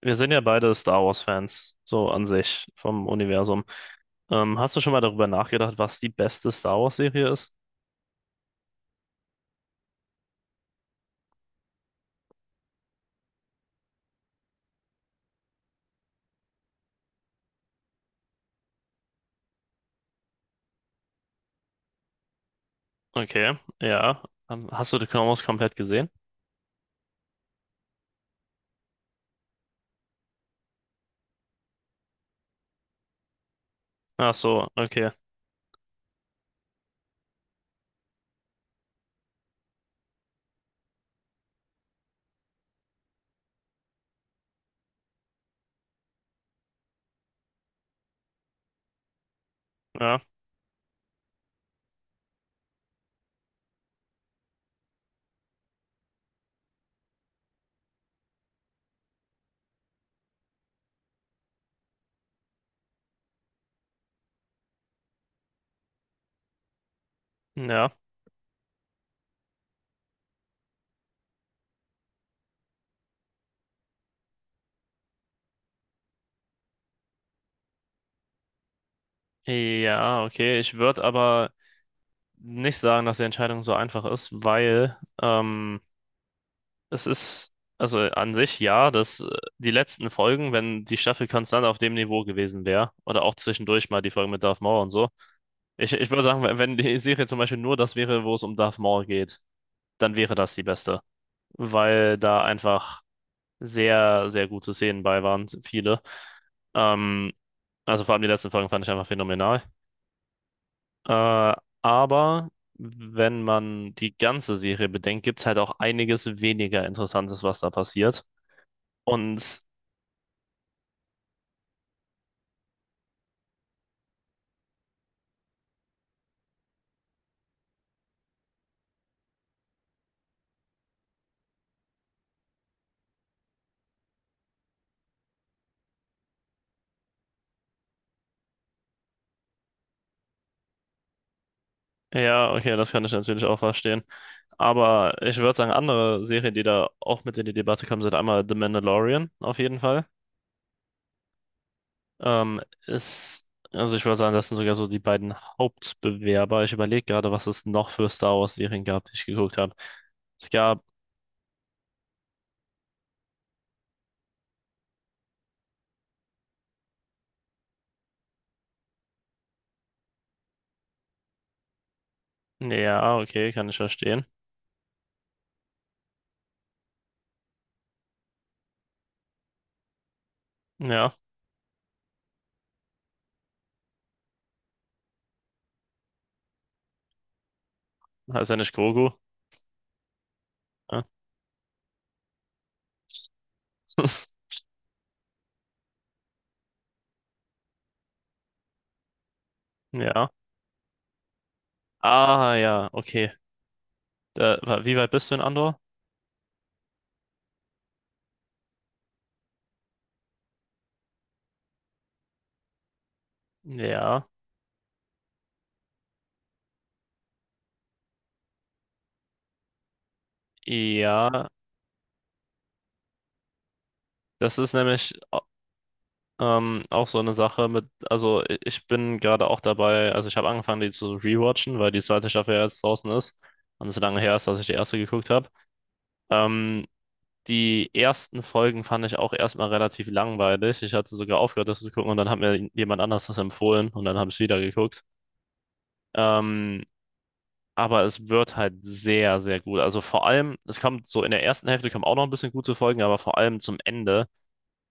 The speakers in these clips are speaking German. Wir sind ja beide Star Wars-Fans, so an sich vom Universum. Hast du schon mal darüber nachgedacht, was die beste Star Wars-Serie ist? Okay, ja. Hast du The Clone Wars komplett gesehen? Ach so, okay. Ja, ja. Ja, okay. Ich würde aber nicht sagen, dass die Entscheidung so einfach ist, weil es ist, also an sich ja, dass die letzten Folgen, wenn die Staffel konstant auf dem Niveau gewesen wäre, oder auch zwischendurch mal die Folgen mit Darth Maul und so, ich würde sagen, wenn die Serie zum Beispiel nur das wäre, wo es um Darth Maul geht, dann wäre das die beste, weil da einfach sehr, sehr gute Szenen bei waren, viele. Ähm, also vor allem die letzten Folgen fand ich einfach phänomenal. Äh, aber wenn man die ganze Serie bedenkt, gibt es halt auch einiges weniger Interessantes, was da passiert. Und ja, okay, das kann ich natürlich auch verstehen. Aber ich würde sagen, andere Serien, die da auch mit in die Debatte kommen, sind einmal The Mandalorian auf jeden Fall. Ähm, Ist, also ich würde sagen, das sind sogar so die beiden Hauptbewerber. Ich überlege gerade, was es noch für Star Wars-Serien gab, die ich geguckt habe. Es gab, ja, okay, kann ich verstehen. Ja, heißt ja nicht Grogu. Ja. Ja. Ah, ja, okay. Da, wie weit bist du in Andor? Ja, ja. Das ist nämlich. Auch so eine Sache mit, also ich bin gerade auch dabei, also ich habe angefangen, die zu rewatchen, weil die zweite Staffel ja jetzt draußen ist und es so lange her ist, dass ich die erste geguckt habe. Ähm, Die ersten Folgen fand ich auch erstmal relativ langweilig. Ich hatte sogar aufgehört, das zu gucken und dann hat mir jemand anders das empfohlen und dann habe ich es wieder geguckt. Ähm, aber es wird halt sehr, sehr gut. Also vor allem, es kommt so in der ersten Hälfte kommen auch noch ein bisschen gute Folgen, aber vor allem zum Ende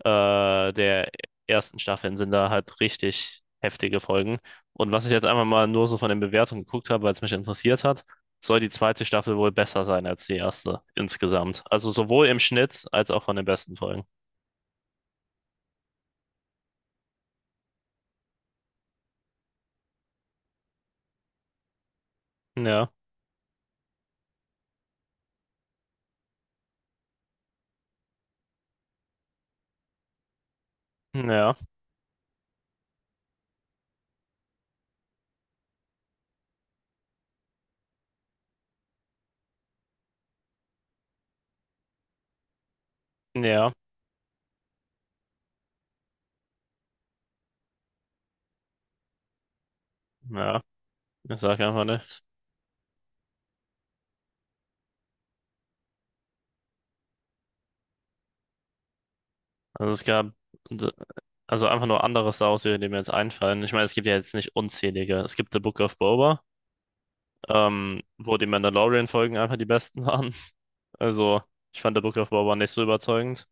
der ersten Staffeln sind da halt richtig heftige Folgen. Und was ich jetzt einmal mal nur so von den Bewertungen geguckt habe, weil es mich interessiert hat, soll die zweite Staffel wohl besser sein als die erste insgesamt. Also sowohl im Schnitt als auch von den besten Folgen. Ja, ja, ja, ja. Ich sage einfach nichts. Also es gab, also einfach nur andere Star Wars-Serien, die mir jetzt einfallen. Ich meine, es gibt ja jetzt nicht unzählige. Es gibt The Book of Boba, wo die Mandalorian-Folgen einfach die besten waren. Also, ich fand der Rückaufbau war aber nicht so überzeugend.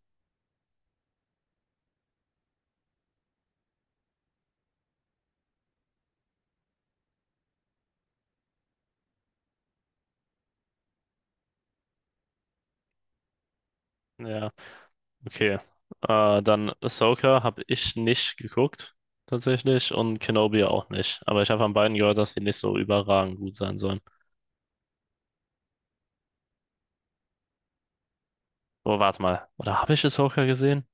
Ja, okay. Dann Ahsoka habe ich nicht geguckt, tatsächlich, und Kenobi auch nicht. Aber ich habe von beiden gehört, dass die nicht so überragend gut sein sollen. Oh, warte mal. Oder habe ich Ahsoka gesehen?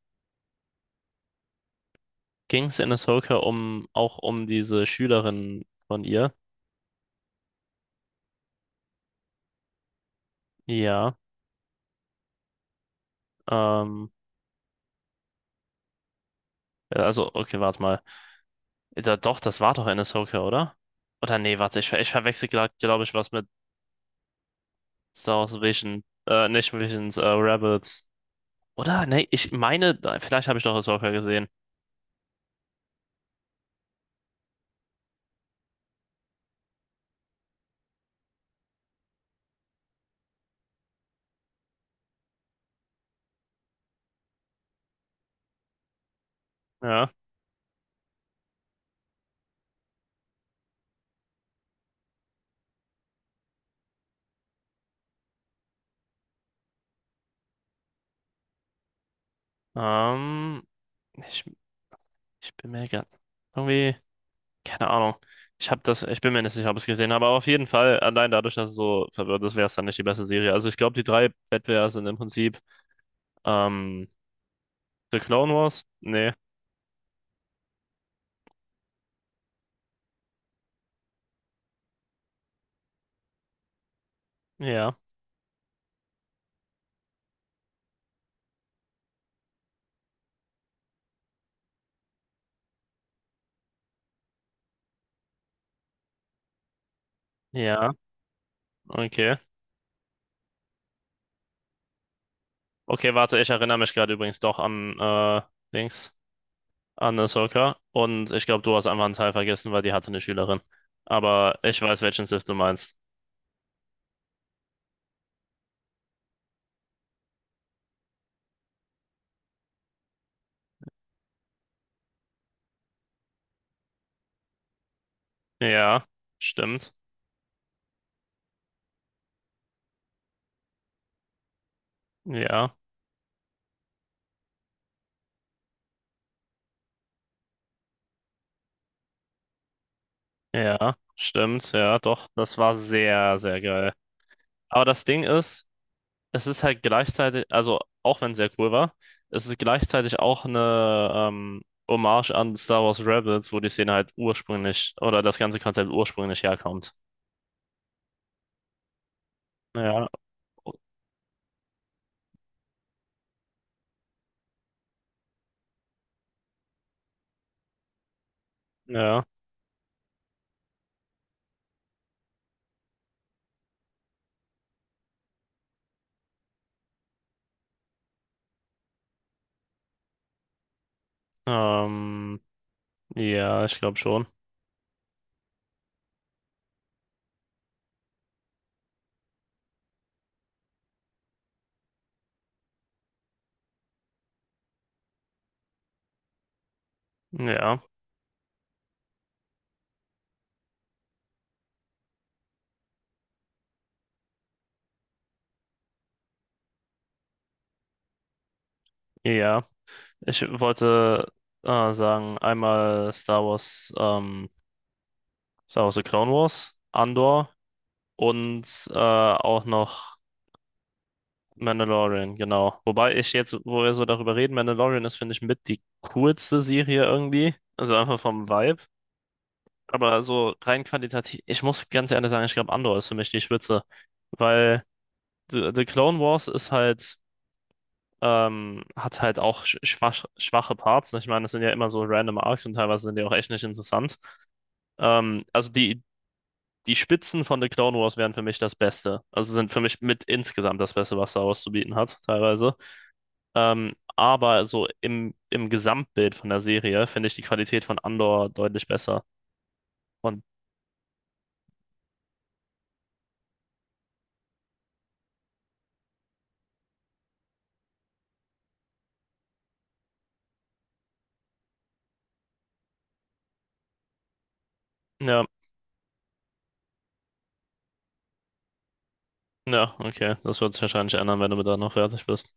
Ging es in Ahsoka um, auch um diese Schülerin von ihr? Ja. Ähm, ja, also, okay, warte mal. Da, doch, das war doch in Ahsoka, oder? Oder nee, warte, ich, ich verwechsel gerade, glaube ich, was mit Star Wars Vision. Nicht Visions, Rebels. Oder? Ne, ich meine, vielleicht habe ich doch das Ahsoka gesehen. Ja. Ähm, Ich, ich bin mir grad irgendwie, keine Ahnung. Ich habe das, ich bin mir nicht sicher, ob ich es gesehen habe, aber auf jeden Fall, allein dadurch, dass es so verwirrt ist, wäre es dann nicht die beste Serie. Also ich glaube, die drei Wettbewerber sind im Prinzip ähm, The Clone Wars? Nee. Ja. Ja, okay. Okay, warte, ich erinnere mich gerade übrigens doch an Dings, an Ahsoka. Und ich glaube, du hast einfach einen Teil vergessen, weil die hatte eine Schülerin. Aber ich weiß, welchen Sith du meinst. Ja, stimmt. Ja, ja, stimmt. Ja, doch. Das war sehr, sehr geil. Aber das Ding ist, es ist halt gleichzeitig, also auch wenn es sehr cool war, es ist gleichzeitig auch eine Hommage an Star Wars Rebels, wo die Szene halt ursprünglich oder das ganze Konzept ursprünglich herkommt. Ja, ja, ähm, ja, ich glaube schon. Ja, ja. Ich wollte sagen, einmal Star Wars, Star Wars The Clone Wars, Andor und auch noch Mandalorian, genau. Wobei ich jetzt, wo wir so darüber reden, Mandalorian ist, finde ich, mit die coolste Serie irgendwie. Also einfach vom Vibe. Aber so rein qualitativ, ich muss ganz ehrlich sagen, ich glaube, Andor ist für mich die Spitze. Weil the Clone Wars ist halt, hat halt auch schwach, schwache Parts. Ich meine, das sind ja immer so random Arcs und teilweise sind die auch echt nicht interessant. Also die Spitzen von The Clone Wars wären für mich das Beste. Also sind für mich mit insgesamt das Beste, was Star Wars zu bieten hat, teilweise. Aber so im, im Gesamtbild von der Serie finde ich die Qualität von Andor deutlich besser. Und ja, ja, okay. Das wird sich wahrscheinlich ändern, wenn du mit da noch fertig bist.